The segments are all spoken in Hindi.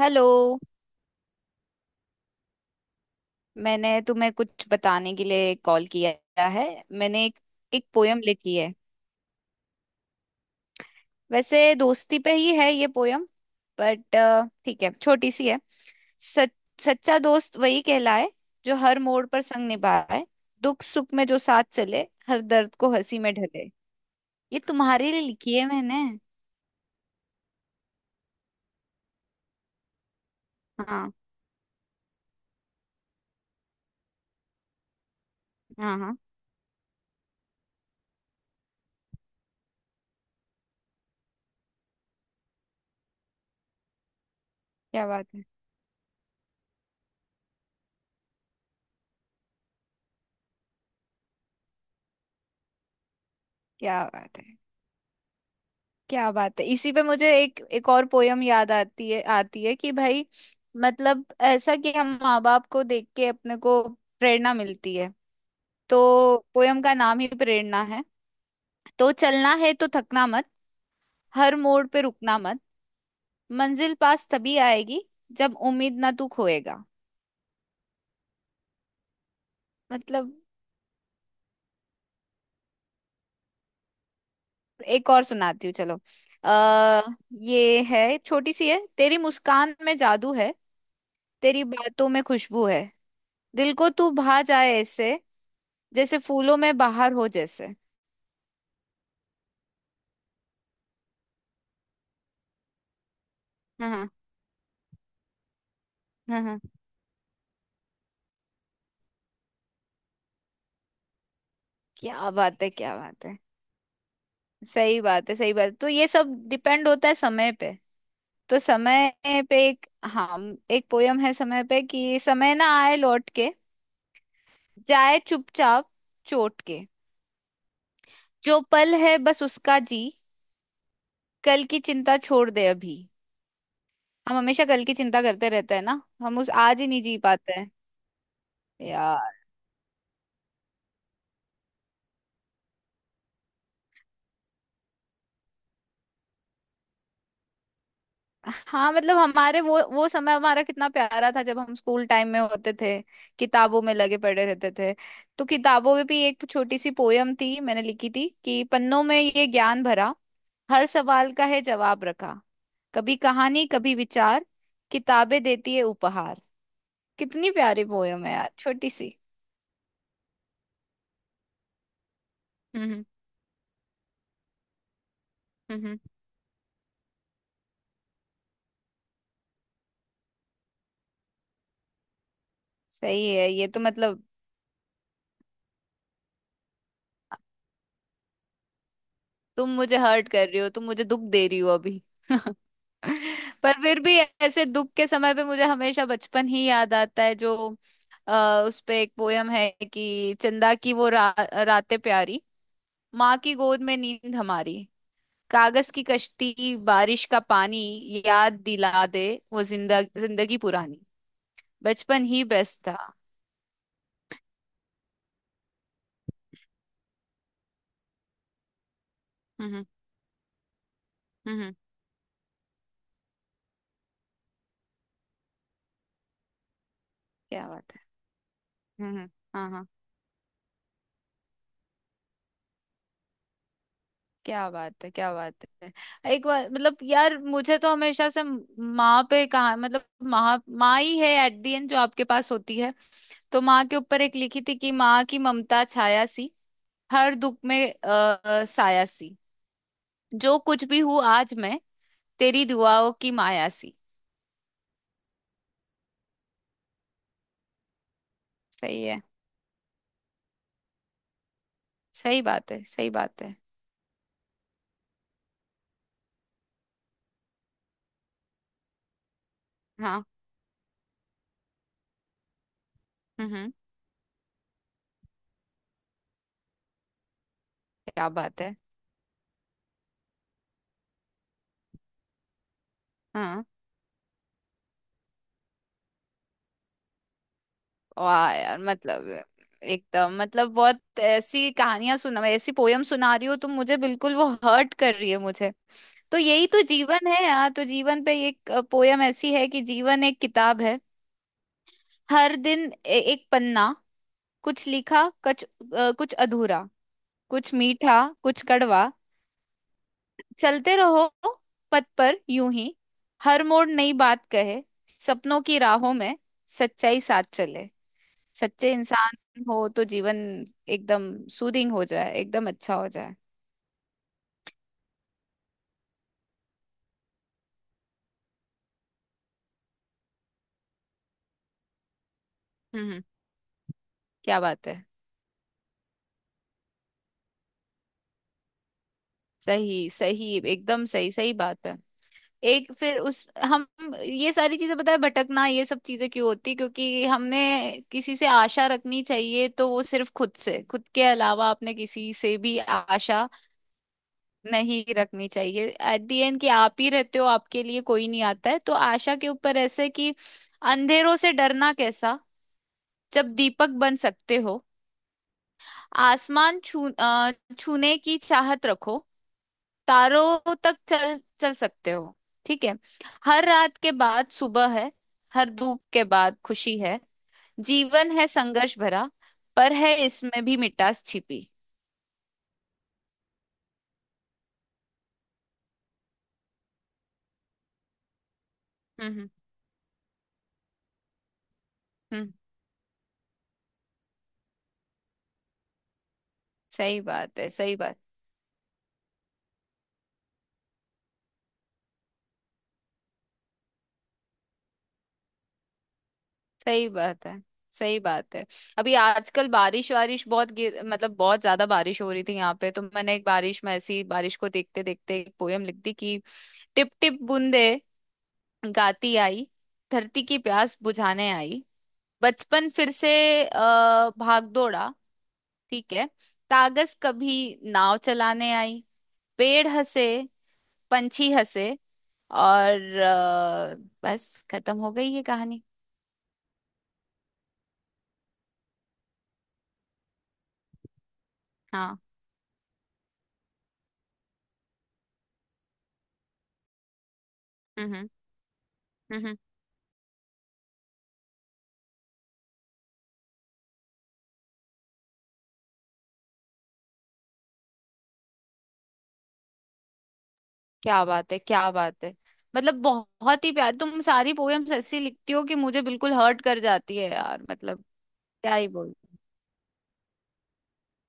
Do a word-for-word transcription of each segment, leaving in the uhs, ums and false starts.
हेलो। मैंने तुम्हें कुछ बताने के लिए कॉल किया है। मैंने एक एक पोयम लिखी है। वैसे दोस्ती पे ही है ये पोयम। बट ठीक है, छोटी सी है। सच, सच्चा दोस्त वही कहलाए, जो हर मोड़ पर संग निभाए। दुख सुख में जो साथ चले, हर दर्द को हंसी में ढले। ये तुम्हारे लिए लिखी है मैंने। हाँ, हाँ, हाँ। क्या बात है, क्या बात है, क्या बात है। इसी पे मुझे एक एक और पोयम याद आती है आती है कि भाई, मतलब ऐसा कि हम माँ बाप को देख के अपने को प्रेरणा मिलती है। तो पोयम का नाम ही प्रेरणा है। तो चलना है तो थकना मत, हर मोड़ पे रुकना मत। मंजिल पास तभी आएगी, जब उम्मीद ना तू खोएगा। मतलब एक और सुनाती हूँ, चलो। आ, ये है, छोटी सी है। तेरी मुस्कान में जादू है, तेरी बातों में खुशबू है। दिल को तू भा जाए ऐसे, जैसे फूलों में बाहर हो जैसे। हाँ, हाँ, हाँ, हाँ। क्या बात है, क्या बात है। सही बात है, सही बात है। तो ये सब डिपेंड होता है समय पे। तो समय पे एक, हाँ, एक पोयम है समय पे कि समय ना आए लौट के, जाए चुपचाप चोट के। जो पल है बस उसका जी, कल की चिंता छोड़ दे अभी। हम हमेशा कल की चिंता करते रहते हैं ना, हम उस आज ही नहीं जी पाते हैं। हाँ, मतलब हमारे वो वो समय हमारा कितना प्यारा था, जब हम स्कूल टाइम में होते थे, किताबों में लगे पड़े रहते थे। तो किताबों में भी एक छोटी सी पोयम थी मैंने लिखी थी कि पन्नों में ये ज्ञान भरा, हर सवाल का है जवाब रखा, कभी कहानी कभी विचार, किताबें देती है उपहार। कितनी प्यारी पोयम है यार, छोटी सी। हम्म, हम्म, हम्म, हम्म। सही है ये, तो मतलब तुम मुझे हर्ट कर रही हो, तुम मुझे दुख दे रही हो अभी। पर फिर भी ऐसे दुख के समय पे मुझे हमेशा बचपन ही याद आता है। जो आ, उस पे एक पोयम है कि चंदा की वो रा, रातें प्यारी, माँ की गोद में नींद हमारी। कागज की कश्ती, बारिश का पानी, याद दिला दे वो जिंदा जिंदगी पुरानी। बचपन ही बेस्ट था। हम्म, हम्म, हम्म। क्या बात है। हम्म, हम्म। हाँ, हाँ। क्या बात है, क्या बात है। एक बार, मतलब यार, मुझे तो हमेशा से माँ पे कहा मतलब, माँ माँ ही है एट दी एंड, जो आपके पास होती है। तो माँ के ऊपर एक लिखी थी कि माँ की ममता छाया सी, हर दुख में अ, अ, साया सी। जो कुछ भी हूँ आज मैं, तेरी दुआओं की माया सी। सही है, सही बात है, सही बात है। हाँ। हम्म, हम्म। क्या बात है। हाँ, वाह यार, मतलब एकदम मतलब बहुत ऐसी कहानियां सुना, मैं ऐसी पोयम सुना रही हो तुम मुझे, बिल्कुल वो हर्ट कर रही है मुझे। तो यही तो जीवन है यार। तो जीवन पे एक पोयम ऐसी है कि जीवन एक किताब है, हर दिन ए- एक पन्ना, कुछ लिखा कुछ अ, कुछ अधूरा, कुछ मीठा कुछ कड़वा। चलते रहो पथ पर यूं ही, हर मोड़ नई बात कहे। सपनों की राहों में सच्चाई साथ चले। सच्चे इंसान हो तो जीवन एकदम सूदिंग हो जाए, एकदम अच्छा हो जाए। हम्म। क्या बात है। सही, सही, एकदम सही, सही बात है। एक फिर उस हम, ये सारी चीजें पता है, भटकना ये सब चीजें क्यों होती, क्योंकि हमने किसी से आशा रखनी चाहिए तो वो सिर्फ खुद से, खुद के अलावा आपने किसी से भी आशा नहीं रखनी चाहिए। एट दी एंड कि आप ही रहते हो, आपके लिए कोई नहीं आता है। तो आशा के ऊपर ऐसे कि अंधेरों से डरना कैसा, जब दीपक बन सकते हो। आसमान छू अ, छूने की चाहत रखो, तारों तक चल चल सकते हो। ठीक है। हर रात के बाद सुबह है, हर दुख के बाद खुशी है। जीवन है संघर्ष भरा, पर है इसमें भी मिठास छिपी। हम्म, हम्म, हम्म। सही बात है, सही बात, सही बात है, सही बात है। अभी आजकल बारिश वारिश बहुत गिर, मतलब बहुत ज्यादा बारिश हो रही थी यहाँ पे। तो मैंने एक बारिश में ऐसी बारिश को देखते देखते एक पोयम लिख दी कि टिप टिप बूंदे गाती आई, धरती की प्यास बुझाने आई। बचपन फिर से अ, भाग दौड़ा। ठीक है। कागज कभी नाव चलाने आई, पेड़ हंसे पंछी हंसे और अ, बस खत्म हो गई ये कहानी। हाँ। हम्म, हम्म, हम्म। क्या बात है, क्या बात है। मतलब बहुत ही प्यार, तुम सारी पोएम्स ऐसी लिखती हो कि मुझे बिल्कुल हर्ट कर जाती है यार मतलब। क्या ही बोलूं।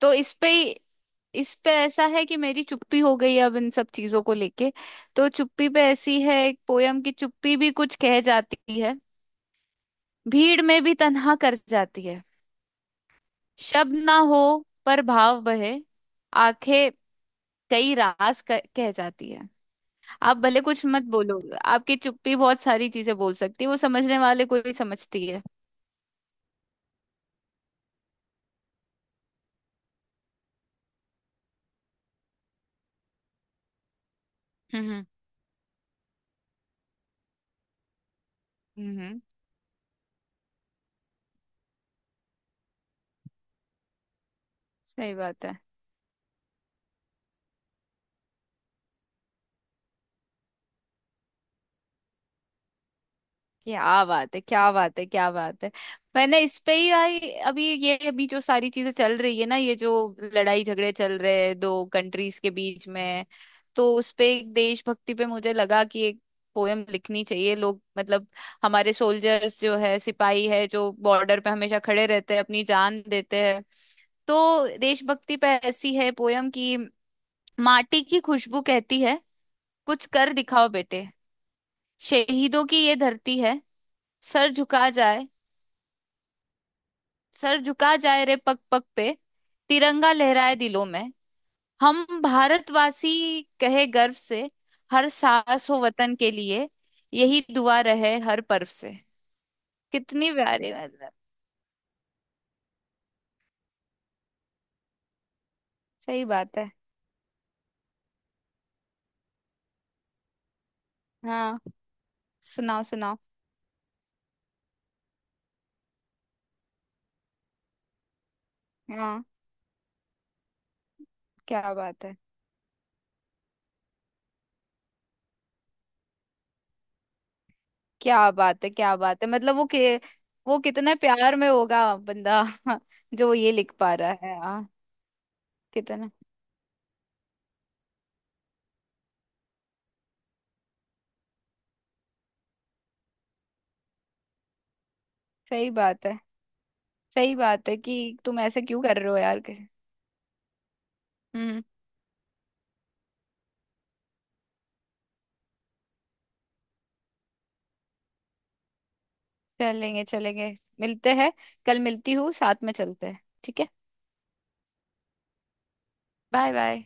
तो इस पे, इस पे ऐसा है कि मेरी चुप्पी हो गई है अब, इन सब चीजों को लेके। तो चुप्पी पे ऐसी है एक पोयम की, चुप्पी भी कुछ कह जाती है, भीड़ में भी तन्हा कर जाती है। शब्द ना हो पर भाव बहे, आंखें कई राज क- कह जाती है। आप भले कुछ मत बोलो, आपकी चुप्पी बहुत सारी चीजें बोल सकती है। वो समझने वाले को भी समझती है। हम्म, हम्म, हम्म। सही बात है। क्या बात है, क्या बात है, क्या बात है। मैंने इस पे ही आई। अभी ये, अभी जो सारी चीजें चल रही है ना, ये जो लड़ाई झगड़े चल रहे हैं दो कंट्रीज के बीच में। तो उस पे एक देशभक्ति पे मुझे लगा कि एक पोयम लिखनी चाहिए, लोग मतलब हमारे सोल्जर्स जो है, सिपाही है, जो बॉर्डर पे हमेशा खड़े रहते हैं, अपनी जान देते हैं। तो देशभक्ति पे ऐसी है पोयम कि माटी की खुशबू कहती है, कुछ कर दिखाओ बेटे। शहीदों की ये धरती है, सर झुका जाए, सर झुका जाए रे पग पग पे। तिरंगा लहराए दिलों में, हम भारतवासी कहे गर्व से। हर सांस हो वतन के लिए, यही दुआ रहे हर पर्व से। कितनी प्यारी, मतलब। सही बात है। हाँ, सुनाओ सुनाओ। हाँ। क्या बात है, क्या बात है, क्या बात है, मतलब वो कि, वो कितने प्यार में होगा बंदा। जो ये लिख पा रहा है, हाँ, कितना। सही बात है, सही बात है, कि तुम ऐसे क्यों कर रहे हो यार, किसी-। हम्म। चलेंगे चलेंगे, मिलते हैं, कल मिलती हूँ, साथ में चलते हैं, ठीक है। Bye bye.